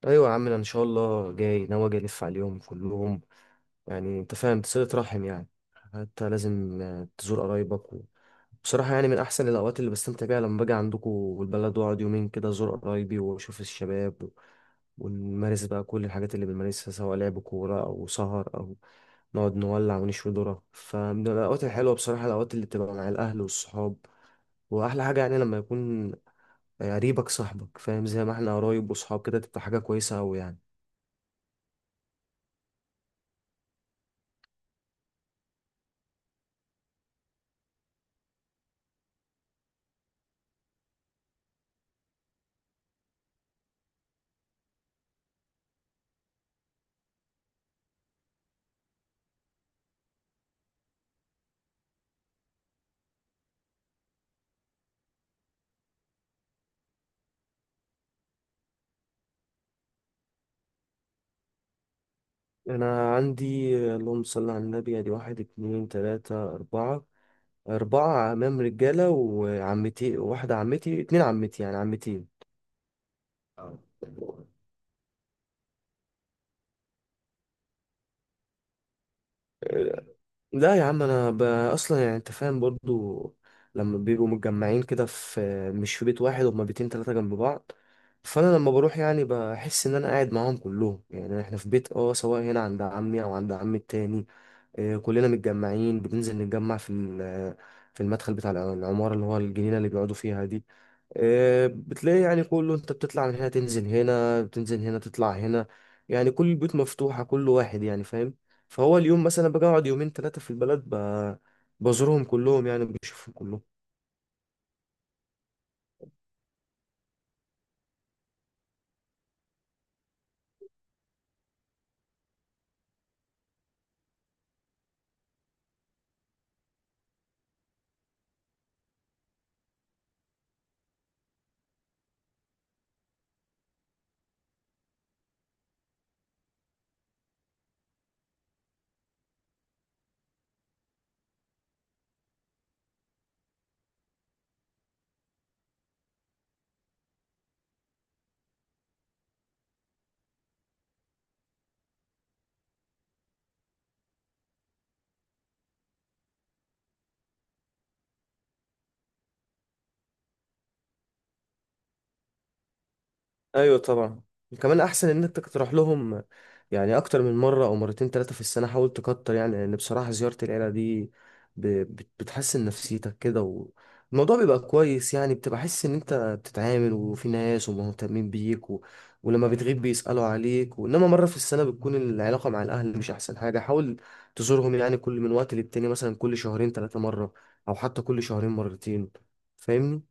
ايوه يا عم، انا ان شاء الله جاي ناوي اجي الف عليهم كلهم. يعني انت فاهم صلة رحم يعني. حتى لازم تزور قرايبك بصراحة يعني من احسن الاوقات اللي بستمتع بيها لما باجي عندكم والبلد واقعد يومين كده ازور قرايبي واشوف الشباب ونمارس بقى كل الحاجات اللي بنمارسها سواء لعب كورة او سهر او نقعد نولع ونشوي ذرة. فمن الاوقات الحلوة بصراحة الاوقات اللي بتبقى مع الاهل والصحاب. واحلى حاجة يعني لما يكون قريبك صاحبك فاهم، زي ما احنا قرايب وصحاب كده تبقى حاجة كويسة أوي يعني. أنا عندي اللهم صل على النبي أدي واحد اتنين تلاتة أربعة، أربعة عمام رجالة، وعمتي واحدة عمتي اتنين عمتي يعني عمتين. اه. لا يا عم، أنا أصلا يعني أنت فاهم برضو. لما بيبقوا متجمعين كده في، مش في بيت واحد، هما بيتين تلاتة جنب بعض. فأنا لما بروح يعني بحس إن أنا قاعد معاهم كلهم، يعني إحنا في بيت أه سواء هنا عند عمي أو عند عمي التاني. كلنا متجمعين بننزل نتجمع في المدخل بتاع العمارة اللي هو الجنينة اللي بيقعدوا فيها دي. بتلاقي يعني كله، انت بتطلع من هنا تنزل هنا، بتنزل هنا تطلع هنا، يعني كل البيوت مفتوحة كل واحد يعني فاهم. فهو اليوم مثلا بقعد يومين ثلاثة في البلد بزورهم كلهم يعني بشوفهم كلهم. ايوه طبعا، كمان احسن ان انت تروح لهم يعني اكتر من مره او مرتين ثلاثه في السنه، حاول تكتر يعني لان بصراحه زياره العيله دي ب- بتحسن نفسيتك كده، والموضوع بيبقى كويس يعني بتبقى حاسس ان انت بتتعامل وفي ناس ومهتمين بيك ولما بتغيب بيسالوا عليك. وانما مره في السنه بتكون العلاقه مع الاهل مش احسن حاجه. حاول تزورهم يعني كل من وقت للتاني، مثلا كل شهرين ثلاثه مره او حتى كل شهرين مرتين. فاهمني.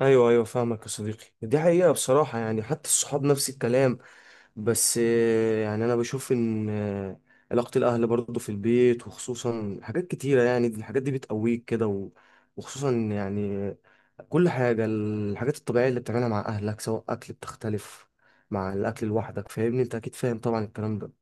ايوه ايوه فاهمك يا صديقي، دي حقيقة بصراحة يعني حتى الصحاب نفس الكلام. بس يعني انا بشوف ان علاقة الاهل برضه في البيت، وخصوصا حاجات كتيرة يعني الحاجات دي بتقويك كده وخصوصا يعني كل حاجة، الحاجات الطبيعية اللي بتعملها مع اهلك سواء اكل بتختلف مع الاكل لوحدك، فاهمني انت اكيد فاهم طبعا الكلام ده.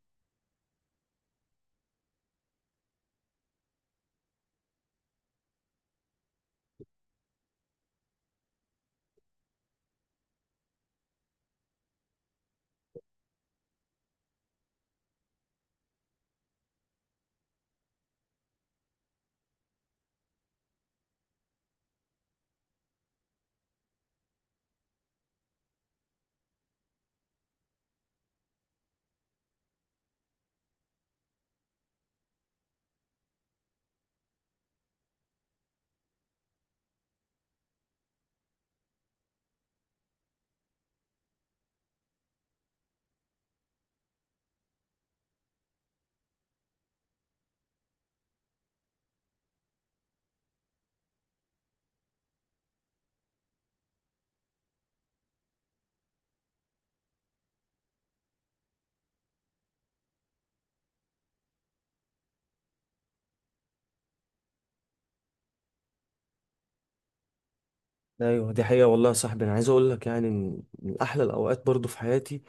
ايوه دي حقيقة والله يا صاحبي، انا عايز اقول لك يعني من احلى الاوقات برضو في حياتي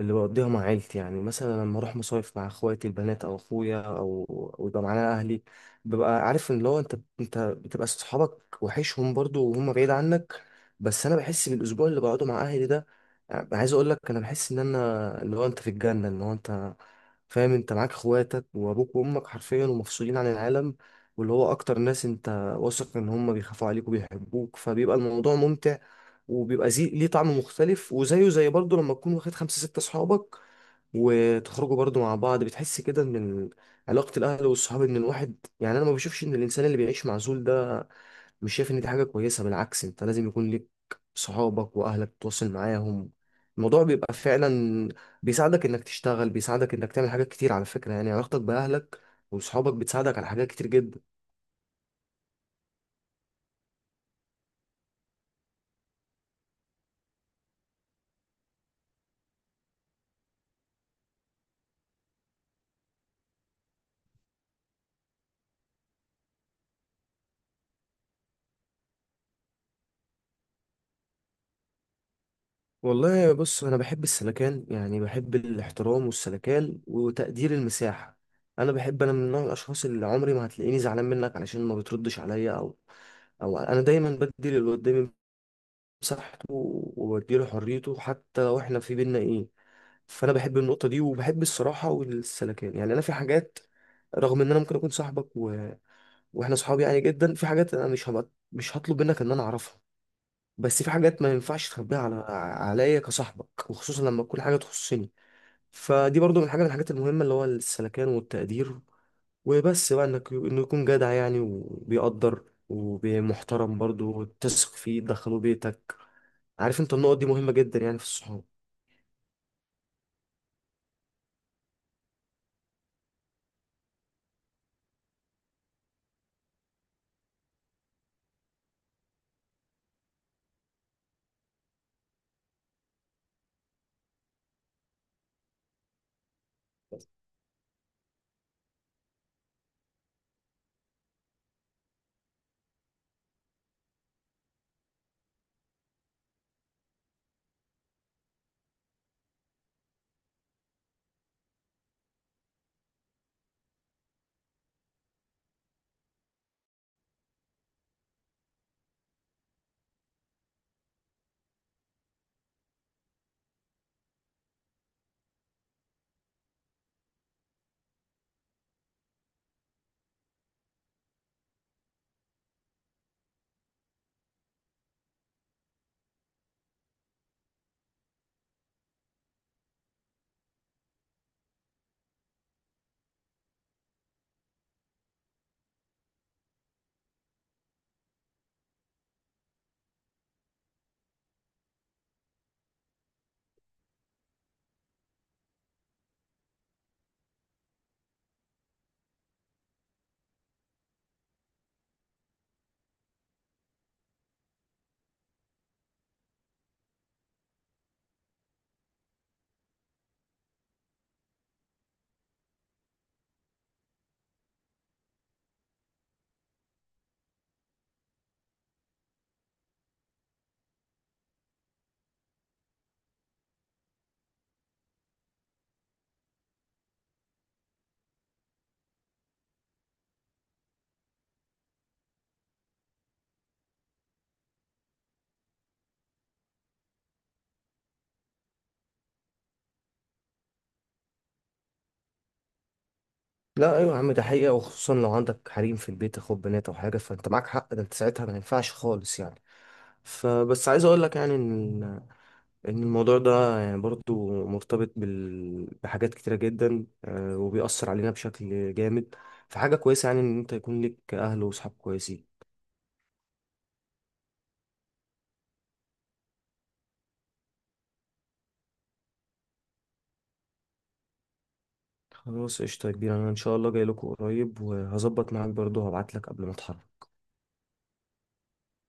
اللي بقضيها مع عيلتي، يعني مثلا لما اروح مصايف مع اخواتي البنات او اخويا او يبقى معانا اهلي. ببقى عارف ان لو انت بتبقى صحابك وحشهم برضو وهم بعيد عنك. بس انا بحس بالاسبوع اللي بقعده مع اهلي ده، يعني عايز اقول لك انا بحس ان انا اللي هو انت في الجنة، ان هو انت فاهم انت معاك اخواتك وابوك وامك حرفيا ومفصولين عن العالم، واللي هو اكتر ناس انت واثق ان هم بيخافوا عليك وبيحبوك، فبيبقى الموضوع ممتع وبيبقى زي ليه طعم مختلف، وزيه زي برضه لما تكون واخد خمسة ستة صحابك وتخرجوا برضه مع بعض بتحس كده، ان علاقة الأهل والصحاب إن الواحد يعني. أنا ما بشوفش إن الإنسان اللي بيعيش معزول ده، مش شايف إن دي حاجة كويسة، بالعكس أنت لازم يكون ليك صحابك وأهلك تتواصل معاهم. الموضوع بيبقى فعلا بيساعدك إنك تشتغل، بيساعدك إنك تعمل حاجات كتير. على فكرة يعني علاقتك بأهلك وصحابك بتساعدك على حاجات كتير جدا. والله بص، انا بحب السلكان، يعني بحب الاحترام والسلكان وتقدير المساحه. انا من نوع الاشخاص اللي عمري ما هتلاقيني زعلان منك علشان ما بتردش عليا او انا دايما بدي اللي قدامي مساحته وبديله حريته حتى لو احنا في بينا ايه. فانا بحب النقطه دي وبحب الصراحه والسلكان. يعني انا في حاجات رغم ان انا ممكن اكون صاحبك واحنا صحاب يعني جدا، في حاجات انا مش هطلب منك ان انا اعرفها. بس في حاجات ما ينفعش تخبيها عليا كصاحبك، وخصوصا لما تكون حاجه تخصني. فدي برضو من حاجه من الحاجات المهمه، اللي هو السلكان والتقدير. وبس بقى انه يكون جدع يعني، وبيقدر ومحترم برضو، وتثق فيه تدخله بيتك. عارف انت النقط دي مهمه جدا يعني في الصحاب. لا ايوه يا عم، ده حقيقه، وخصوصا لو عندك حريم في البيت اخوات بنات او حاجه، فانت معاك حق، ده انت ساعتها ما ينفعش خالص يعني. فبس عايز اقول لك يعني ان الموضوع ده يعني برضو مرتبط بحاجات كتيرة جدا، وبيأثر علينا بشكل جامد. فحاجة كويسة يعني ان انت يكون لك اهل وصحاب كويسين. خلاص قشطة يا كبير، انا ان شاء الله جاي لكم قريب وهظبط معاك برضو، هبعت لك قبل ما اتحرك.